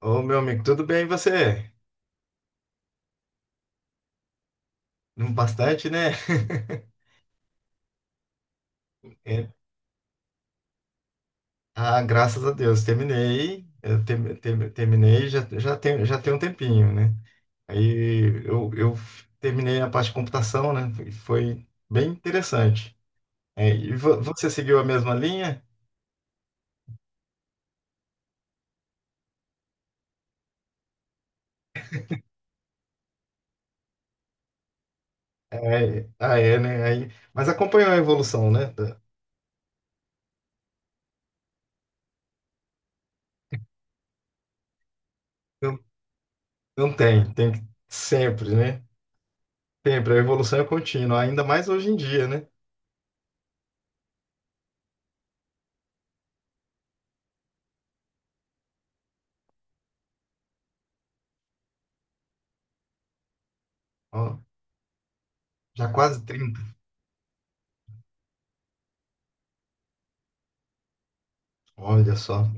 Ô, meu amigo, tudo bem e você? Não, bastante, né? É, ah, graças a Deus, terminei. Eu terminei já tem um tempinho, né? Aí eu terminei a parte de computação, né? Foi bem interessante. É, e você seguiu a mesma linha? É, ah, é, né? Aí, mas acompanhou a evolução, né? Não, sempre, né? Sempre, a evolução é contínua, ainda mais hoje em dia, né? Ó, já quase 30. Olha só.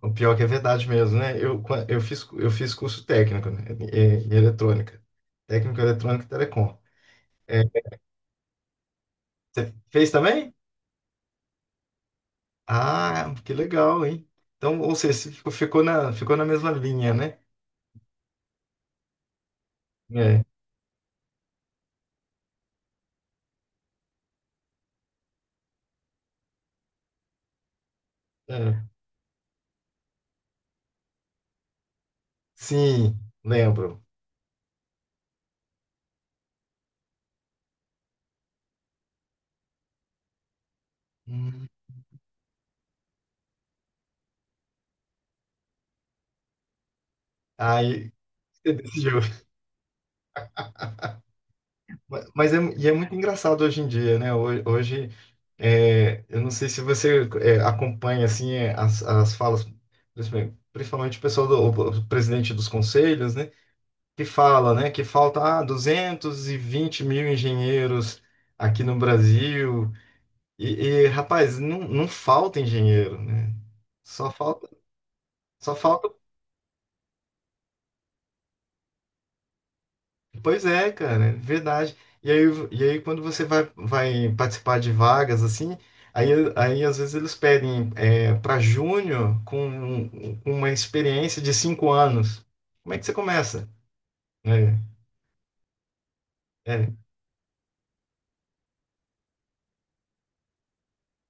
O pior que é verdade mesmo, né? Eu fiz curso técnico, né? Em eletrônica. Técnico eletrônico e telecom. É, você fez também? Ah, que legal, hein? Então, ou seja, você ficou na mesma linha, né? É, é. Sim, lembro. Hum. Aí, você decidiu. Mas é, e é muito engraçado hoje em dia, né? Hoje, é, eu não sei se você é, acompanha assim é, as falas, principalmente o pessoal do o presidente dos conselhos, né? Que fala, né? Que falta ah, 220 mil engenheiros aqui no Brasil. E, rapaz, não falta engenheiro, né? Só falta, só falta Pois é, cara, verdade. E aí, e aí quando você vai participar de vagas, assim, aí, aí às vezes eles pedem para júnior com uma experiência de 5 anos. Como é que você começa? É, é,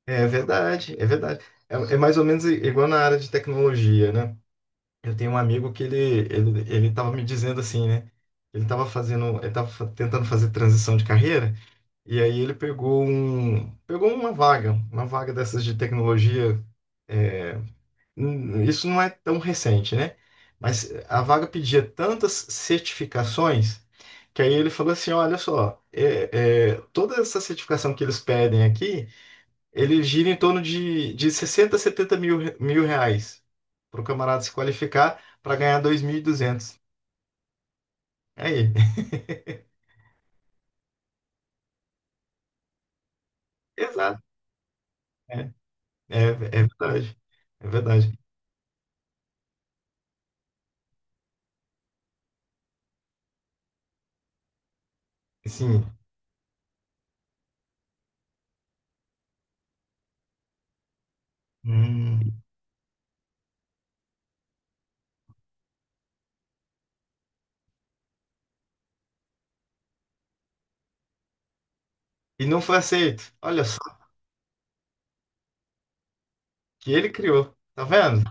é verdade, é verdade. É, é mais ou menos igual na área de tecnologia, né? Eu tenho um amigo que ele estava me dizendo assim, né? Ele estava tentando fazer transição de carreira. E aí ele pegou uma vaga dessas de tecnologia. É, isso não é tão recente, né? Mas a vaga pedia tantas certificações que aí ele falou assim, olha só, é, é, toda essa certificação que eles pedem aqui, ele gira em torno de 60 70 mil, mil reais para o camarada se qualificar para ganhar 2.200. Aí, exato, é, é, é verdade, é verdade. Sim. Hum. E não foi aceito. Olha só, que ele criou. Tá vendo?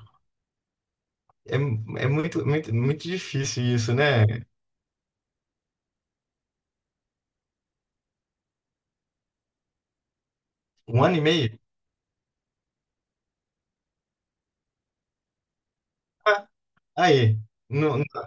É, é muito, muito, muito difícil isso, né? Um ano e meio? Ah, aí. Não,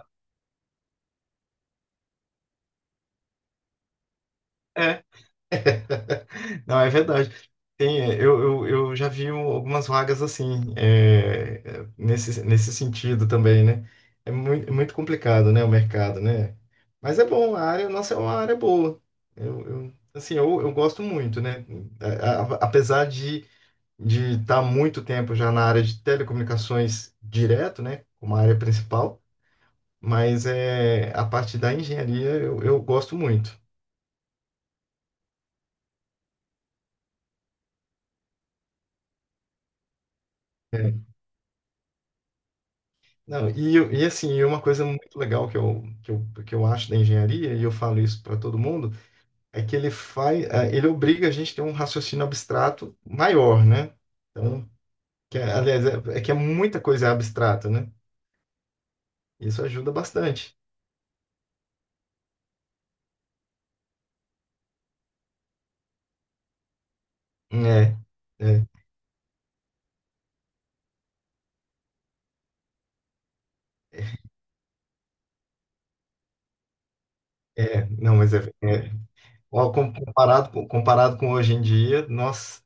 é. Não, é verdade. Tem, é, eu já vi algumas vagas assim, é, é, nesse sentido também, né? É muito, muito complicado, né, o mercado, né? Mas é bom, a área nossa é uma área boa. Eu, assim, eu gosto muito, né? Apesar de estar muito tempo já na área de telecomunicações direto, né, como a área principal, mas é a parte da engenharia eu, gosto muito. É. Não, e, e assim, e uma coisa muito legal que eu acho da engenharia, e eu falo isso para todo mundo, é que ele faz, ele obriga a gente a ter um raciocínio abstrato maior, né? Então, que, aliás, é, é que é muita coisa abstrata, né? Isso ajuda bastante. É, é, é, não, mas é, é, Ó, comparado com hoje em dia, nós,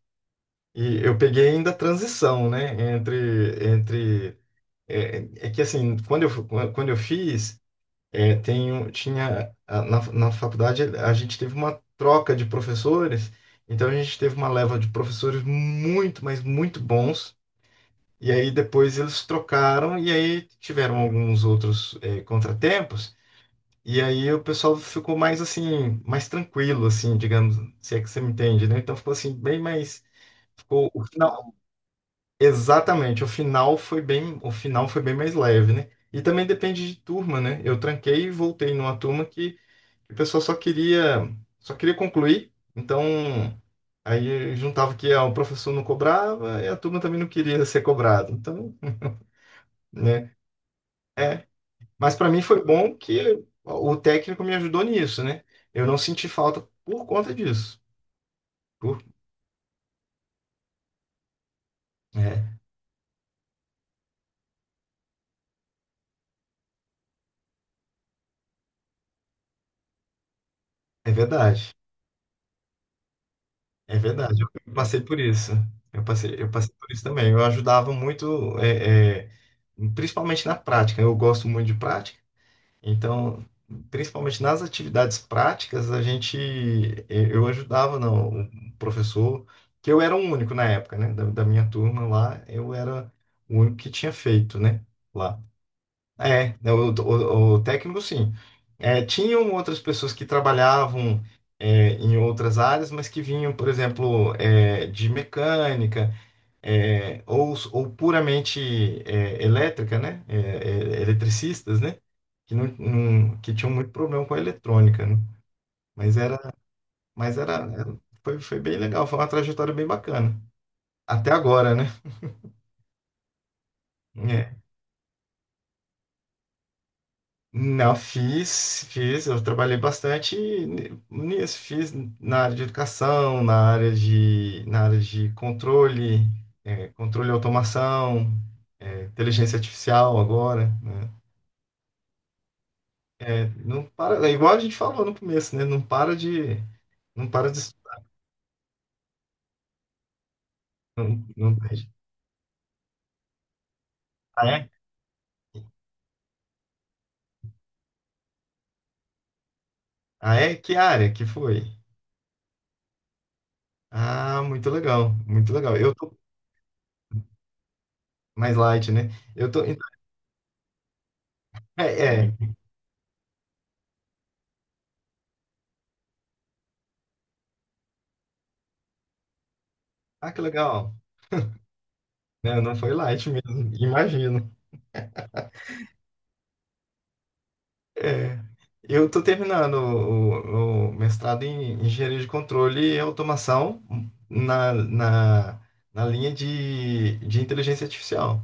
e eu peguei ainda a transição, né? Entre é, é que assim, quando eu fiz, é, tinha na faculdade a gente teve uma troca de professores, então a gente teve uma leva de professores muito, mas muito bons. E aí depois eles trocaram e aí tiveram alguns outros é, contratempos. E aí o pessoal ficou mais assim, mais tranquilo, assim, digamos, se é que você me entende, né? Então ficou assim, bem mais. Ficou o final. Exatamente, o final foi bem mais leve, né? E também depende de turma, né? Eu tranquei e voltei numa turma que o pessoal só queria concluir. Então, aí juntava que ah, o professor não cobrava e a turma também não queria ser cobrada. Então, né? É, mas para mim foi bom que o técnico me ajudou nisso, né? Eu não senti falta por conta disso. Por- É, é verdade. É verdade. Eu passei por isso. Eu passei por isso também. Eu ajudava muito, é, é, principalmente na prática. Eu gosto muito de prática. Então, principalmente nas atividades práticas, a gente, eu ajudava não, o professor, que eu era o único na época, né? Da minha turma lá, eu era o único que tinha feito, né? Lá. É, o, o técnico sim. É, tinham outras pessoas que trabalhavam é, em outras áreas, mas que vinham, por exemplo, é, de mecânica é, ou puramente é, elétrica, né? É, é, eletricistas, né? Que, não, não- que tinham muito problema com a eletrônica, né? Mas era, mas era, era- foi bem legal, foi uma trajetória bem bacana. Até agora, né? É, não, eu trabalhei bastante nisso, fiz na área de educação, na área de controle, é, controle e automação, é, inteligência artificial agora, né? É, não para, é igual a gente falou no começo, né? Não para de, não, não, ah, é? Ah, é? Que área que foi? Ah, muito legal, muito legal. Eu tô mais light, né? Eu tô, então, é, é. Ah, que legal. Não, não foi light mesmo, imagino. É, eu estou terminando o, o mestrado em engenharia de controle e automação na, na, na linha de inteligência artificial.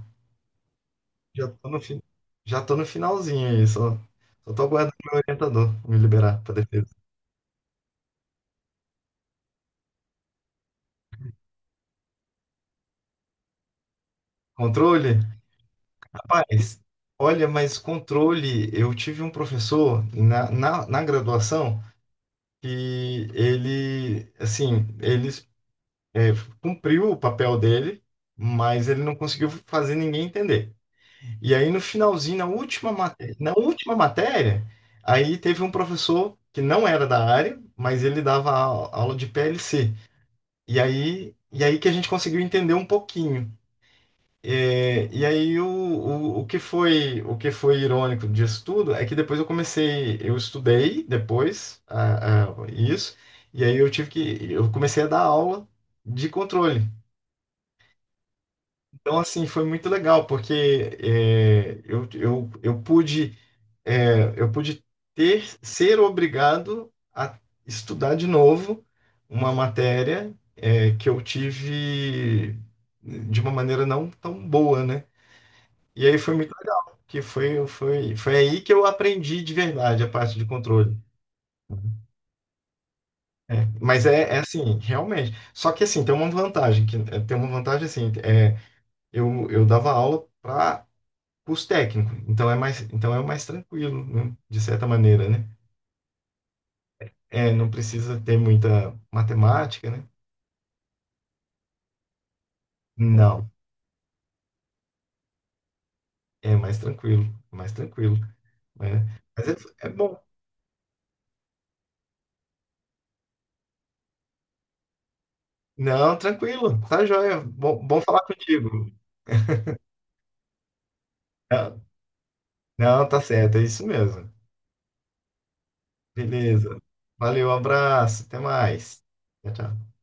Já estou no, já tô no finalzinho aí, só estou aguardando meu orientador me liberar para defesa. Controle? Rapaz, olha, mas controle, eu tive um professor na graduação que ele, assim, é, cumpriu o papel dele, mas ele não conseguiu fazer ninguém entender. E aí no finalzinho, na última matéria, aí teve um professor que não era da área, mas ele dava aula de PLC. E aí que a gente conseguiu entender um pouquinho. É, e aí o que foi irônico disso tudo é que depois eu comecei, eu estudei depois ah, isso, e aí eu tive que, eu comecei a dar aula de controle. Então, assim, foi muito legal, porque é, eu pude ter, ser obrigado a estudar de novo uma matéria, é, que eu tive de uma maneira não tão boa, né? E aí foi muito legal, que foi aí que eu aprendi de verdade a parte de controle. É, mas é, é assim, realmente. Só que assim, tem uma vantagem, que é, tem uma vantagem assim, é, eu dava aula para curso técnico. Então é mais tranquilo, né? De certa maneira, né? É, não precisa ter muita matemática, né? Não, é mais tranquilo, né? Mas é, é bom. Não, tranquilo, tá joia. Bom, bom falar contigo. Não, não, tá certo, é isso mesmo. Beleza. Valeu, abraço, até mais. Tchau, tchau.